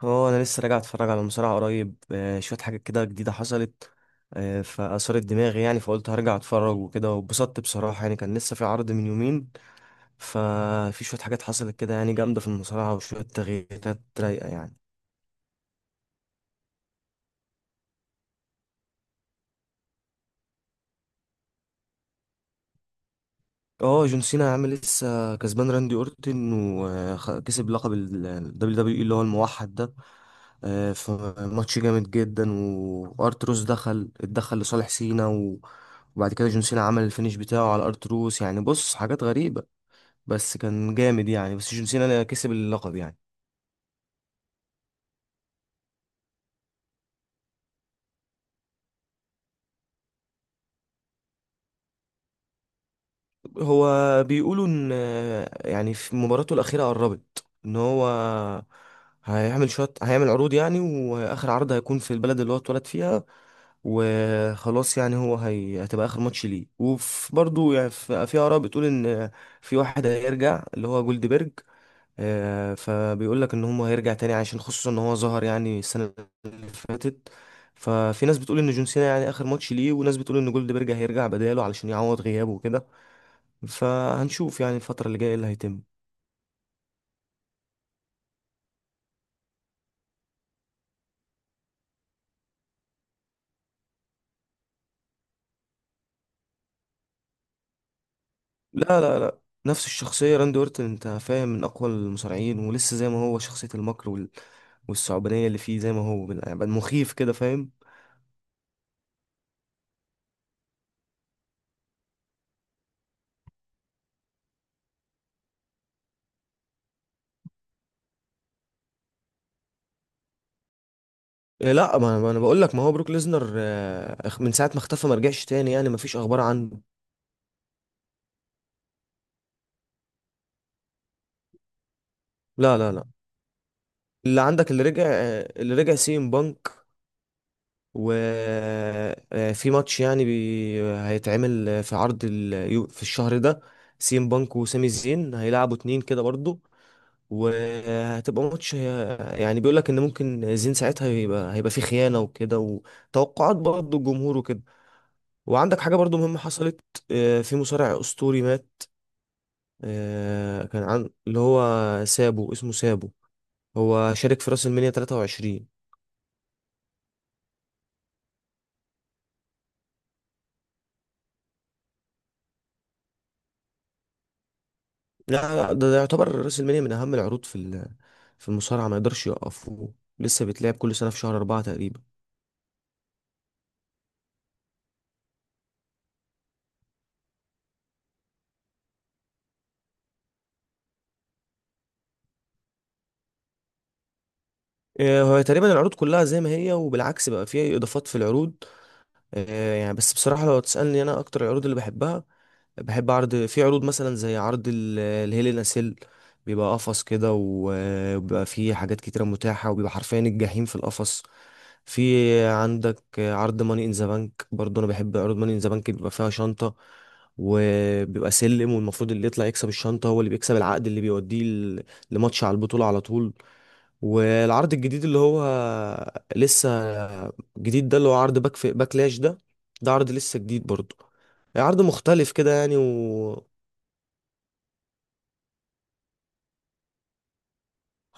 هو انا لسه راجع اتفرج على مصارعة قريب، شوية حاجات كده جديدة حصلت. فأثارت دماغي يعني، فقلت هرجع اتفرج وكده، واتبسطت بصراحة يعني. كان لسه في عرض من يومين، ففي شوية حاجات حصلت كده يعني جامدة في المصارعة، وشوية تغييرات رايقة يعني. اه، جون سينا عامل لسه كسبان راندي اورتن، وكسب لقب ال WWE اللي هو الموحد ده. في ماتش جامد جدا، وارتروس دخل اتدخل لصالح سينا وبعد كده جون سينا عمل الفينش بتاعه على ارتروس، يعني بص حاجات غريبة بس كان جامد يعني، بس جون سينا كسب اللقب يعني. هو بيقولوا ان، يعني في مباراته الاخيره قربت، ان هو هيعمل شويه، هيعمل عروض يعني، واخر عرض هيكون في البلد اللي هو اتولد فيها، وخلاص يعني. هتبقى اخر ماتش ليه، وفي برضه يعني، في اراء بتقول ان في واحد هيرجع اللي هو جولدبرج. فبيقول لك ان هو هيرجع تاني، عشان خصوصا ان هو ظهر يعني السنه اللي فاتت. ففي ناس بتقول ان جون سينا يعني اخر ماتش ليه، وناس بتقول ان جولدبرج هيرجع بداله علشان يعوض غيابه وكده. فهنشوف يعني الفترة اللي جاية إيه اللي هيتم. لا لا لا، نفس الشخصية. راندي أورتون أنت فاهم، من أقوى المصارعين، ولسه زي ما هو شخصية المكر والثعبانية اللي فيه، زي ما هو يعني، مخيف كده فاهم. إيه، لا، ما أنا بقول لك، ما هو بروك ليزنر من ساعة ما اختفى ما رجعش تاني يعني، ما فيش أخبار عنه. لا لا لا، اللي عندك اللي رجع، اللي رجع سي ام بانك. وفي ماتش يعني هيتعمل في عرض في الشهر ده، سي ام بانك وسامي زين هيلعبوا اتنين كده برضو. وهتبقى ماتش يعني، بيقول لك ان ممكن زين ساعتها هيبقى فيه خيانه وكده، وتوقعات برضه الجمهور وكده. وعندك حاجه برضه مهمه حصلت، في مصارع اسطوري مات. كان عن اللي هو سابو، اسمه سابو. هو شارك في راس المنيا 23. لا، ده يعتبر راس المنيا من اهم العروض في في المصارعه، ما يقدرش يوقفوه. لسه بيتلعب كل سنه في شهر أربعة تقريبا. هو تقريبا العروض كلها زي ما هي، وبالعكس بقى فيها اضافات في العروض. يعني بس بصراحة لو تسألني، أنا أكتر العروض اللي بحبها، بحب عرض، في عروض مثلا زي عرض الهيلين أسيل، بيبقى قفص كده وبيبقى فيه حاجات كتيرة متاحة، وبيبقى حرفيا الجحيم في القفص. في عندك عرض ماني إن ذا بانك برضه، أنا بحب عروض ماني إن ذا بانك، بيبقى فيها شنطة وبيبقى سلم، والمفروض اللي يطلع يكسب الشنطة هو اللي بيكسب العقد اللي بيوديه لماتش على البطولة على طول. والعرض الجديد اللي هو لسه جديد ده، اللي هو عرض باك في باكلاش ده، ده عرض لسه جديد برضه، عرض مختلف كده يعني. وهو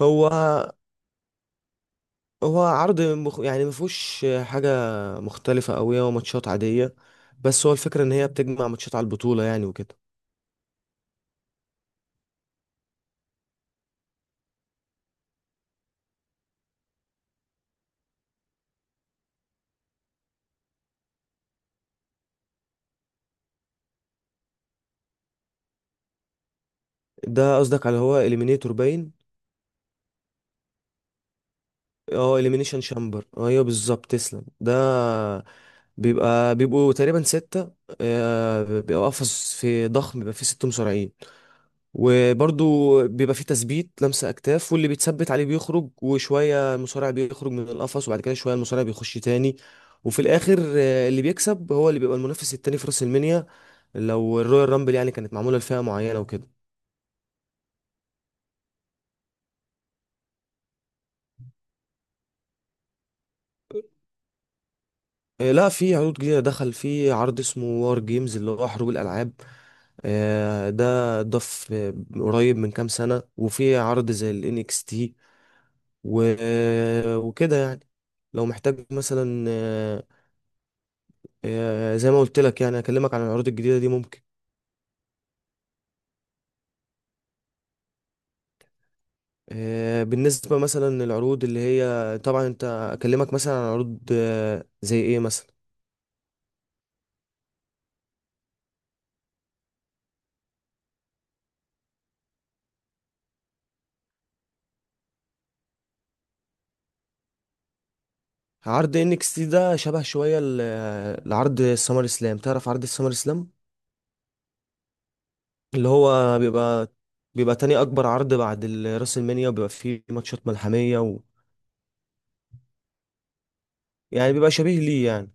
هو هو عرض يعني مفهوش حاجة مختلفة أوي، هو ماتشات عادية، بس هو الفكرة إن هي بتجمع ماتشات على البطولة يعني وكده. ده قصدك على، هو إليمينيتور باين. اه، إليمينيشن شامبر أيوه بالظبط، تسلم ده. بيبقى، بيبقوا تقريبا ستة. بيبقى قفص في ضخم، بيبقى فيه ست مصارعين. وبرضو بيبقى فيه تثبيت لمسة أكتاف، واللي بيتثبت عليه بيخرج وشوية المصارع بيخرج من القفص، وبعد كده شوية المصارع بيخش تاني. وفي الآخر، اللي بيكسب هو اللي بيبقى المنافس التاني في راس المنيا، لو الرويال رامبل يعني كانت معمولة لفئة معينة وكده. لا، في عروض جديدة دخل، في عرض اسمه وار جيمز، اللي هو حروب الألعاب. ده اتضاف قريب من كام سنة، وفي عرض زي ال NXT و... آه، وكده يعني. لو محتاج مثلا، زي ما قلت لك يعني، اكلمك عن العروض الجديده دي ممكن. بالنسبه مثلا للعروض اللي هي، طبعا انت، اكلمك مثلا عن عروض زي ايه مثلا. عرض انكس تي ده شبه شويه لعرض السمر اسلام، تعرف عرض السمر اسلام، اللي هو بيبقى تاني اكبر عرض بعد راس المنيا، وبيبقى فيه ماتشات ملحميه و... يعني بيبقى شبيه ليه يعني.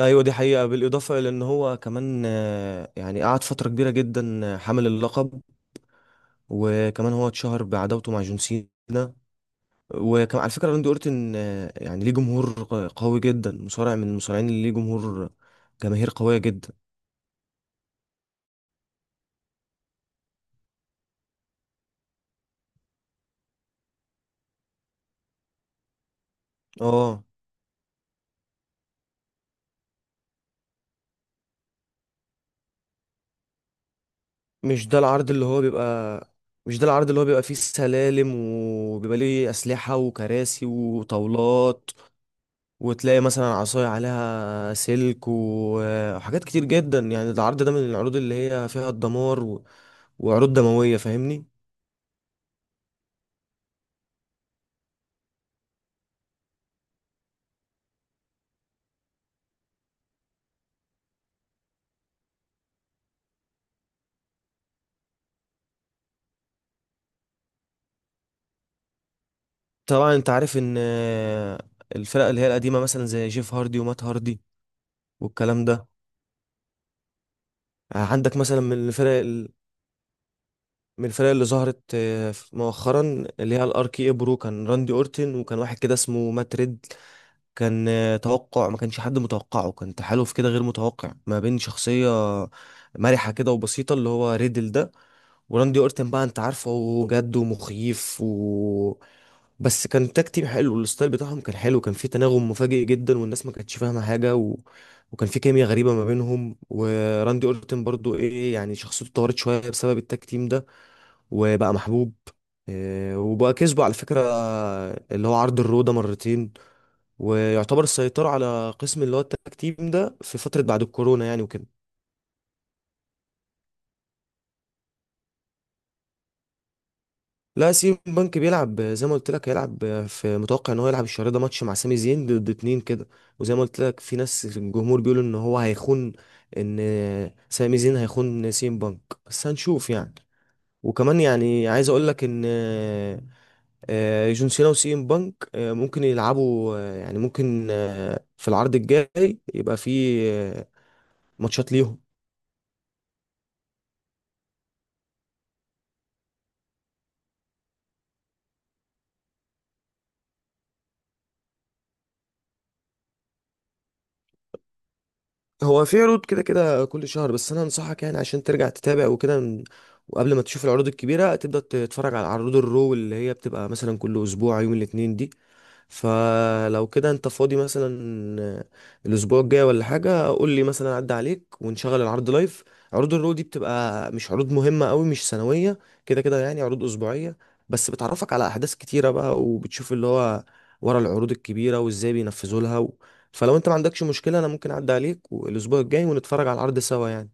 ايوه دي حقيقه، بالاضافه الى ان هو كمان، يعني قعد فتره كبيره جدا حامل اللقب. وكمان هو اتشهر بعداوته مع جون سينا. وكان على فكرة راندي أورتن، يعني ليه جمهور قوي جدا، مصارع من المصارعين اللي ليه جمهور، جماهير قوية جدا. اه، مش ده العرض اللي هو بيبقى، مش ده العرض اللي هو بيبقى فيه سلالم، وبيبقى ليه أسلحة وكراسي وطاولات. وتلاقي مثلا عصاية عليها سلك وحاجات كتير جدا يعني، ده العرض ده من العروض اللي هي فيها الدمار وعروض دموية فاهمني. طبعا انت عارف ان الفرق اللي هي القديمة مثلا زي جيف هاردي ومات هاردي والكلام ده. عندك مثلا من الفرق من الفرق اللي ظهرت مؤخرا، اللي هي الار كي إيه برو. كان راندي اورتن وكان واحد كده اسمه مات ريد، كان توقع ما كانش حد متوقعه، كان تحالف كده غير متوقع ما بين شخصية مرحة كده وبسيطة اللي هو ريدل ده، وراندي اورتن بقى انت عارفه، هو جد ومخيف. و بس كان تاك تيم حلو، الستايل بتاعهم كان حلو، كان في تناغم مفاجئ جدا، والناس ما كانتش فاهمه حاجه و... وكان في كيمياء غريبه ما بينهم. وراندي اورتن برضو ايه يعني، شخصيته اتطورت شويه بسبب التاك تيم ده، وبقى محبوب. إيه، وبقى كسبه على فكره، اللي هو عرض الرو ده مرتين، ويعتبر السيطرة على قسم اللي هو التاك تيم ده في فترة بعد الكورونا يعني وكده. لا، سيم بنك بيلعب زي ما قلت لك. هيلعب في، متوقع ان هو يلعب الشهر ده ماتش مع سامي زين ضد اتنين كده. وزي ما قلت لك، في ناس في الجمهور بيقولوا ان هو هيخون، ان سامي زين هيخون سيم بنك، بس هنشوف يعني. وكمان يعني عايز اقول لك ان، جون سينا وسيم بانك ممكن يلعبوا، يعني ممكن في العرض الجاي يبقى في ماتشات ليهم. هو في عروض كده كده كل شهر، بس انا انصحك يعني عشان ترجع تتابع وكده، وقبل ما تشوف العروض الكبيره تبدا تتفرج على عروض الرو، اللي هي بتبقى مثلا كل اسبوع يوم الاثنين دي. فلو كده انت فاضي مثلا الاسبوع الجاي ولا حاجه، قول لي مثلا عدى عليك ونشغل العرض لايف. عروض الرو دي بتبقى مش عروض مهمه قوي، مش سنويه كده كده يعني، عروض اسبوعيه، بس بتعرفك على احداث كتيره بقى، وبتشوف اللي هو ورا العروض الكبيره وازاي بينفذوا لها و... فلو انت ما عندكش مشكله انا ممكن اعدي عليك الاسبوع الجاي ونتفرج على العرض سوا يعني.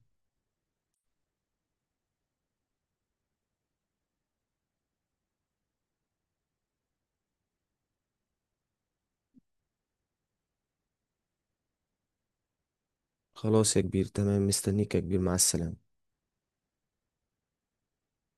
خلاص يا كبير، تمام، مستنيك يا كبير، مع السلامه.